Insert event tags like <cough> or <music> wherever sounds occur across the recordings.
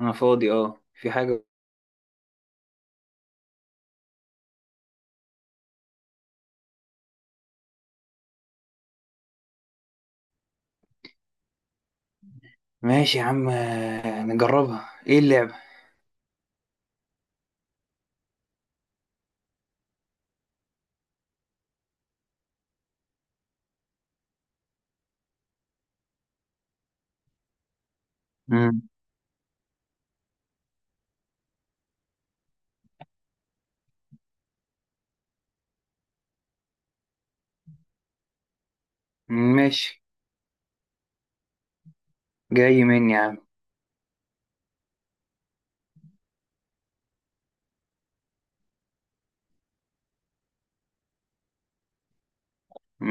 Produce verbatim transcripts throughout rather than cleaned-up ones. انا فاضي، اه، في حاجة؟ ماشي يا عم، آه، نجربها. ايه اللعبة؟ مم. ماشي. جاي مني يا عم.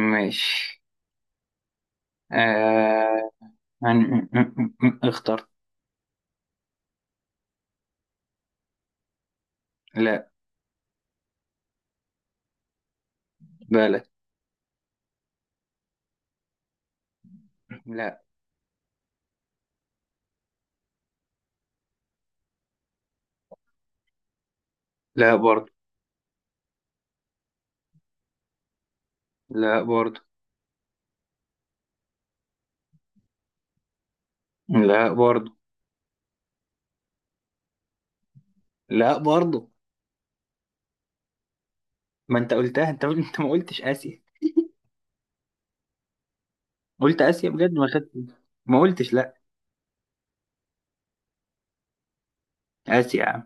ماشي. آه... هن- اخترت. لا. بالك. لا. لا برضو. لا برضو. لا برضو. لا برضو. ما انت قلتها، انت انت ما قلتش اسيا. قلت اسيا بجد، ما خدت. ما قلتش لا. اسيا يا عم.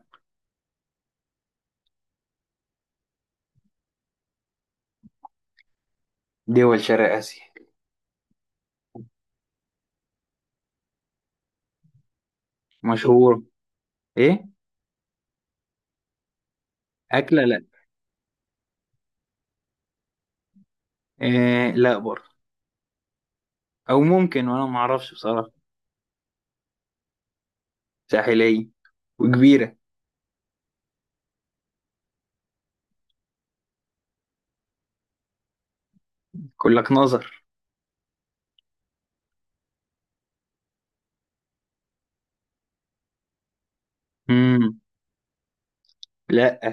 دول شرق اسيا. مشهور؟ ايه؟ اكله، لا. إيه؟ لا برضو. او ممكن وانا ما اعرفش بصراحة. ساحلية وكبيرة. يقول لك نظر. مم. لا.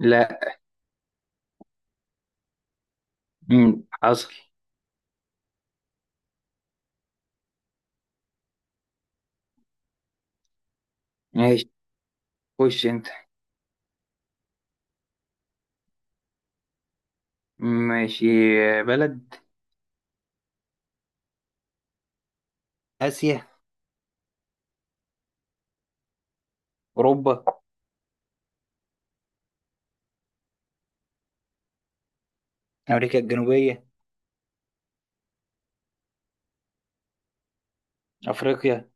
لا. مم. حصل. ماشي. خش انت. ماشي. بلد. آسيا. أوروبا. أمريكا الجنوبية. أفريقيا.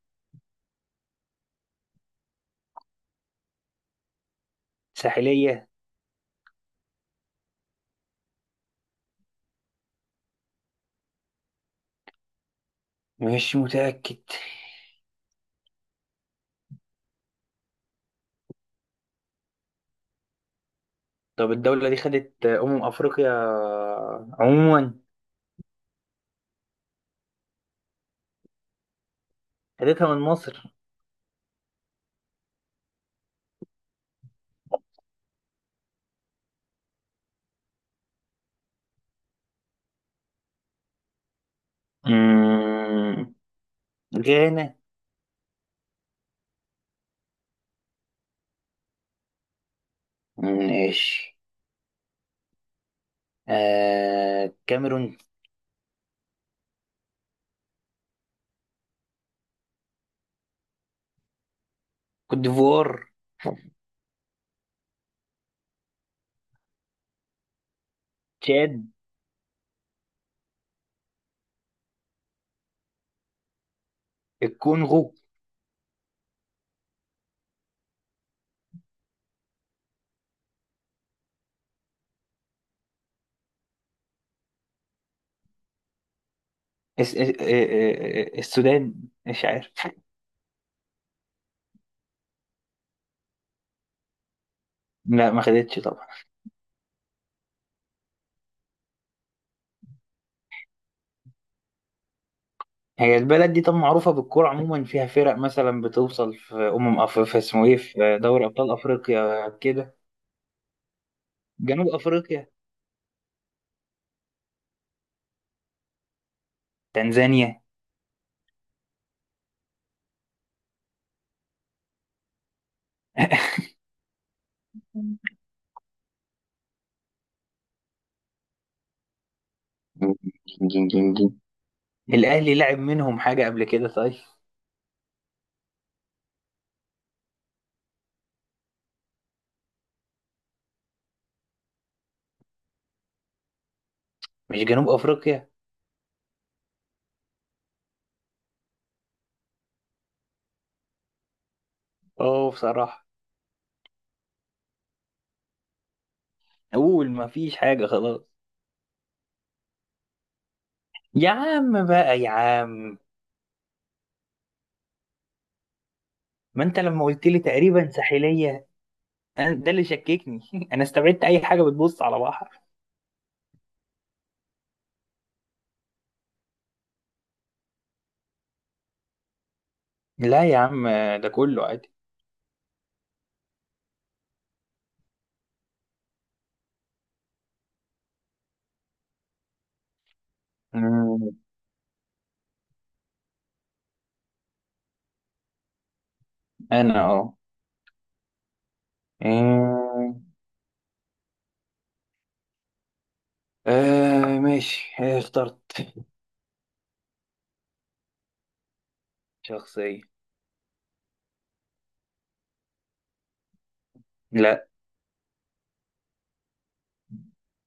ساحلية. مش متأكد. طب الدولة دي خدت أمم أفريقيا عموما. خدتها من مصر. مم. غانا. ماشي. آه... كاميرون. كوت ديفوار. تشاد. الكونغو. اس... اس... آه، آه، السودان. مش عارف. لا، ما خدتش طبعا. هي البلد دي طب معروفة بالكورة عموما، فيها فرق مثلا بتوصل في أمم أف... في اسمه إيه، في دوري أبطال أفريقيا كده. جنوب أفريقيا. تنزانيا. <laughs> جين جين جين. الأهلي لعب منهم حاجة قبل كده، طيب. مش جنوب أفريقيا. أوه، بصراحة. أقول ما فيش حاجة خلاص. يا عم بقى يا عم. ما أنت لما قلت لي تقريبا ساحلية. أنا- ده اللي شككني. <laughs> أنا استبعدت أي حاجة بتبص على بحر. لا يا عم. ده كله عادي. مم. انا، اه. آه. آه، ماشي. آه، اخترت. شخصية. لا.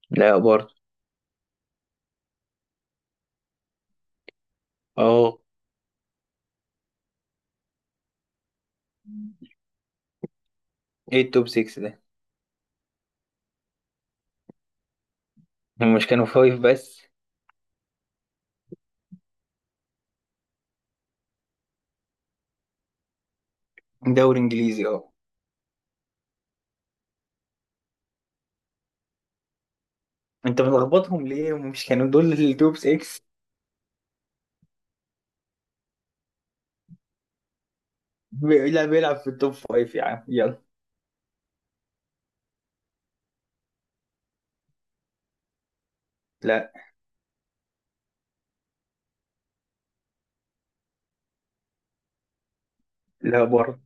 لا برضه. اه. ايه التوب ستة ده؟ هم مش كانوا فايف بس؟ دوري انجليزي، اه. انت بتلخبطهم ليه، هم مش كانوا دول التوب ستة؟ بي- لا، بيلعب في التوب خمسة يا عم، يلا. لا. لا برضه.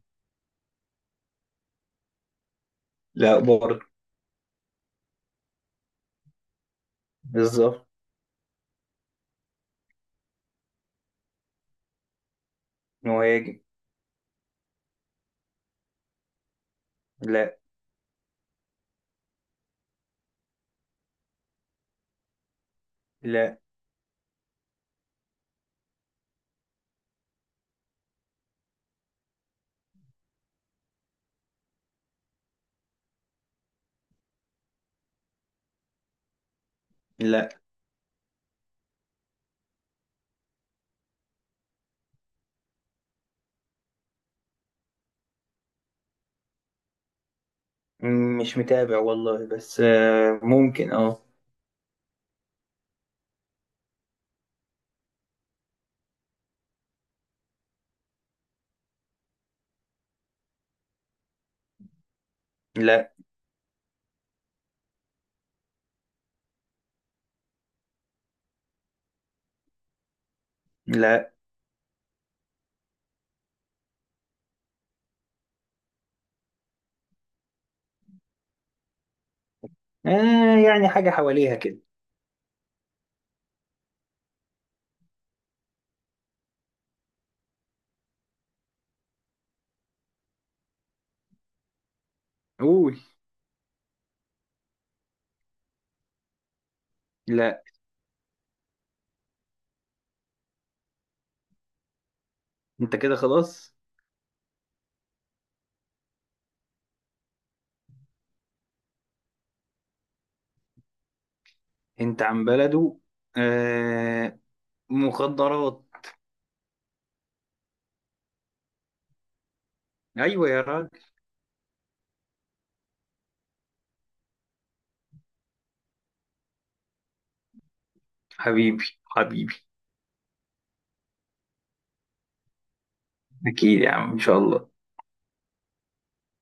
لا برضه. بالظبط. مهاجم. لا. لا. لا. مم، مش متابع والله، بس آه ممكن، اه. لا. لا. آه، يعني حاجة حواليها كده. قول. لا. انت كده خلاص. انت عن بلده. آه. مخدرات. ايوه يا راجل. حبيبي حبيبي. اكيد يا عم ان شاء الله.